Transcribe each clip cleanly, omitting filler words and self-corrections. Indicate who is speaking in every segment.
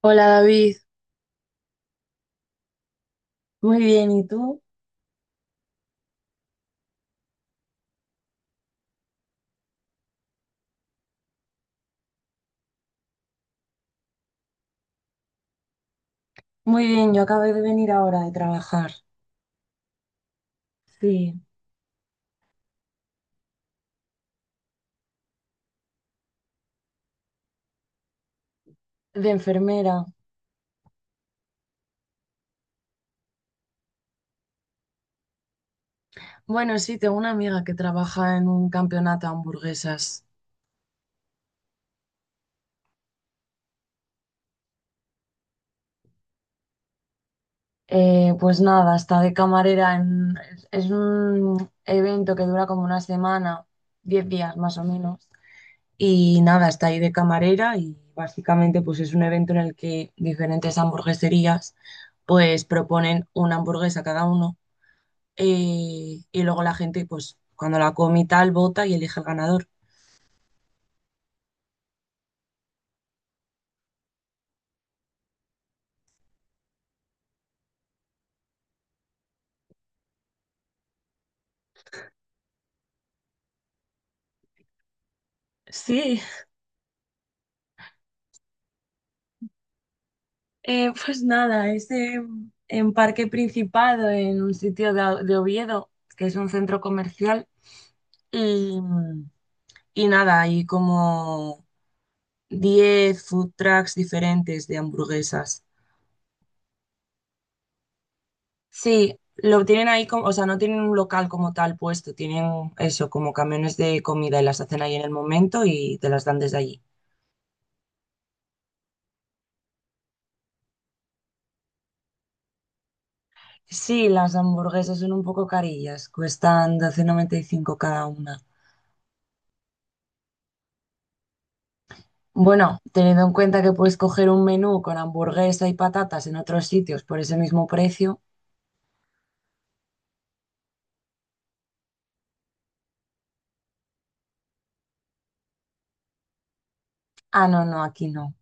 Speaker 1: Hola David. Muy bien, ¿y tú? Muy bien, yo acabé de venir ahora de trabajar. Sí. De enfermera. Bueno, sí, tengo una amiga que trabaja en un campeonato de hamburguesas. Pues nada, está de camarera en... Es un evento que dura como una semana, 10 días más o menos. Y nada, está ahí de camarera y básicamente pues es un evento en el que diferentes hamburgueserías pues proponen una hamburguesa cada uno. Y luego la gente, pues cuando la come y tal, vota y elige el ganador. Sí, pues nada, es en Parque Principado, en un sitio de Oviedo, que es un centro comercial, y, y nada, hay como 10 food trucks diferentes de hamburguesas. Sí, lo tienen ahí como, o sea, no tienen un local como tal puesto, tienen eso, como camiones de comida y las hacen ahí en el momento y te las dan desde allí. Sí, las hamburguesas son un poco carillas, cuestan 12,95 cada una. Bueno, teniendo en cuenta que puedes coger un menú con hamburguesa y patatas en otros sitios por ese mismo precio. Ah, no, no, aquí no.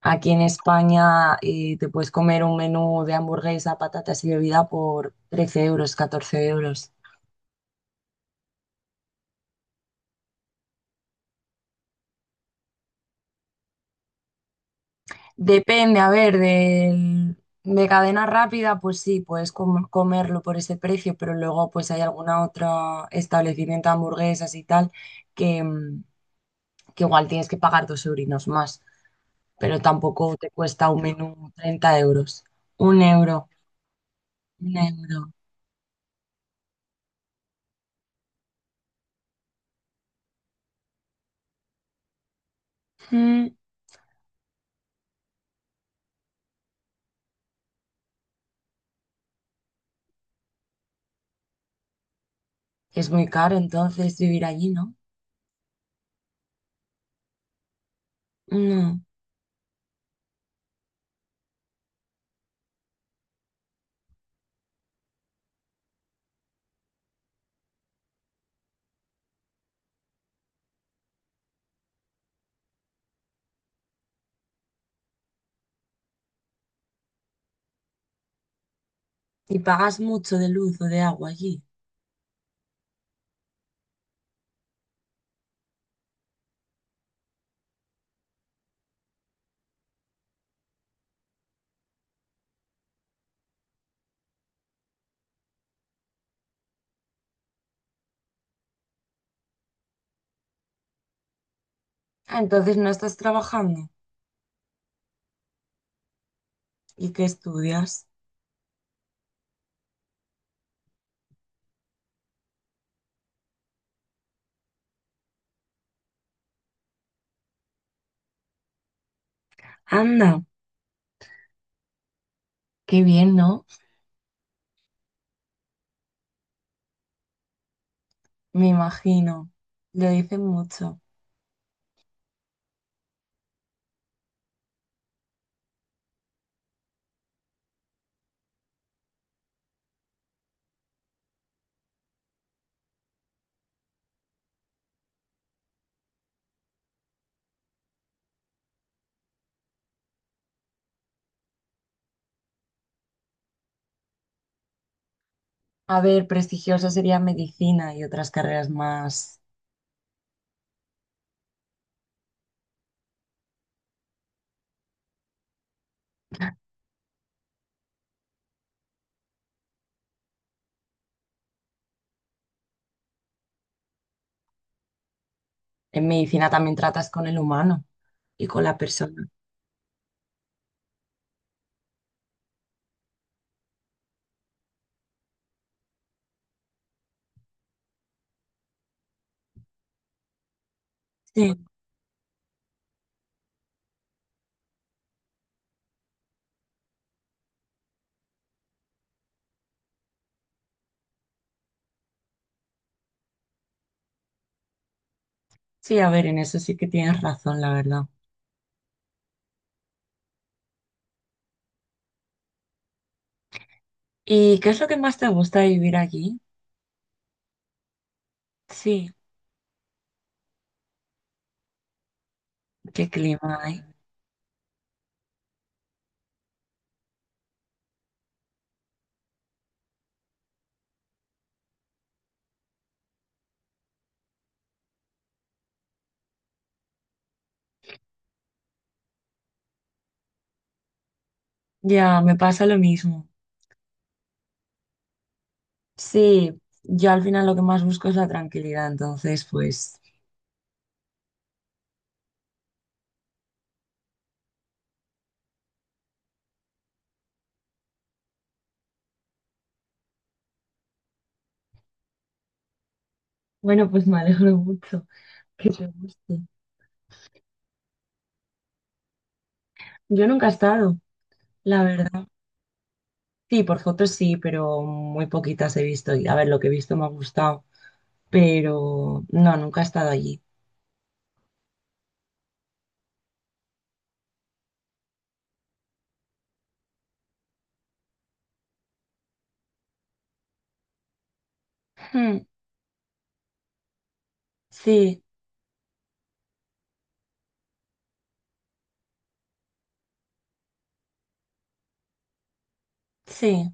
Speaker 1: Aquí en España te puedes comer un menú de hamburguesa, patatas y bebida por 13 euros, 14 euros. Depende, a ver, de, cadena rápida, pues sí, puedes comerlo por ese precio, pero luego pues hay alguna otra establecimiento de hamburguesas y tal que, mm, que igual tienes que pagar 2 eurinos más, pero tampoco te cuesta un menú 30 euros. Un euro, un euro. Mm, Es muy caro entonces vivir allí, ¿no? No. ¿Y pagas mucho de luz o de agua allí? Ah, entonces no estás trabajando. ¿Y qué estudias? Anda, qué bien, ¿no? Me imagino, lo dicen mucho. A ver, prestigioso sería medicina y otras carreras más. En medicina también tratas con el humano y con la persona. Sí, sí, a ver, en eso sí que tienes razón, la verdad. ¿Y qué es lo que más te gusta de vivir allí? Sí, ¿qué clima hay? Ya, me pasa lo mismo. Sí, yo al final lo que más busco es la tranquilidad, entonces pues... Bueno, pues me alegro mucho que te guste. Yo nunca he estado, la verdad. Sí, por fotos sí, pero muy poquitas he visto. Y a ver, lo que he visto me ha gustado, pero no, nunca he estado allí. Hmm. Sí, sí.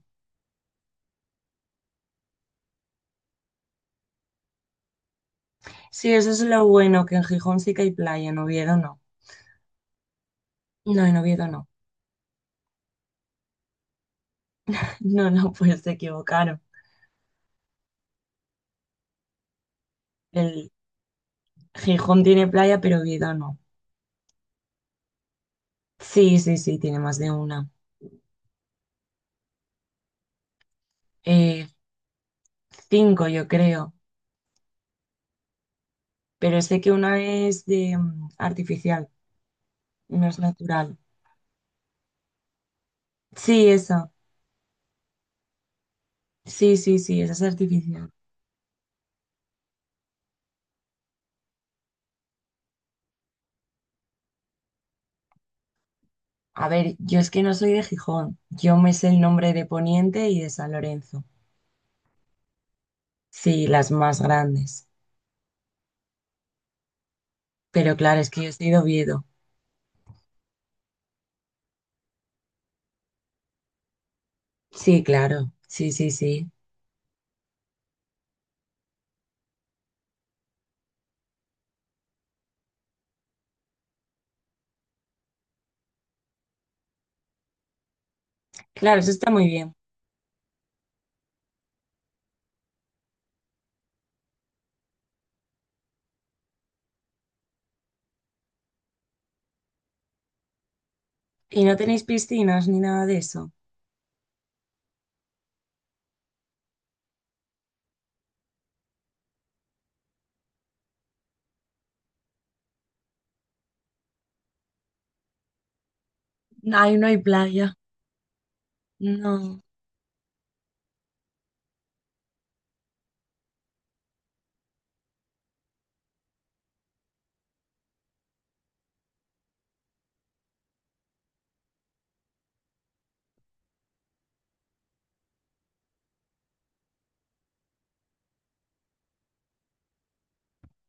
Speaker 1: Sí, eso es lo bueno, que en Gijón sí que hay playa, en Oviedo no. No, en Oviedo no. No, no, pues se equivocaron. El Gijón tiene playa, pero Oviedo no. Sí, sí, sí, tiene más de una. Eh, Cinco, yo creo. Pero sé que una es artificial, no es natural. Sí, esa. Sí, sí, sí, esa es artificial. A ver, yo es que no soy de Gijón. Yo me sé el nombre de Poniente y de San Lorenzo. Sí, las más grandes. Pero claro, es que yo soy de Oviedo. Sí, claro. Sí, sí, sí. Claro, eso está muy bien. ¿Y no tenéis piscinas ni nada de eso? Ahí no hay playa. No,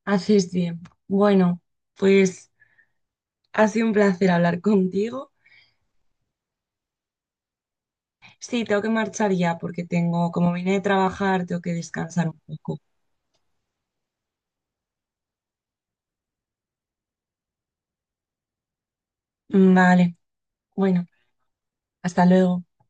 Speaker 1: haces bien. Bueno, pues ha sido un placer hablar contigo. Sí, tengo que marchar ya porque tengo, como vine de trabajar, tengo que descansar un poco. Vale, bueno, hasta luego.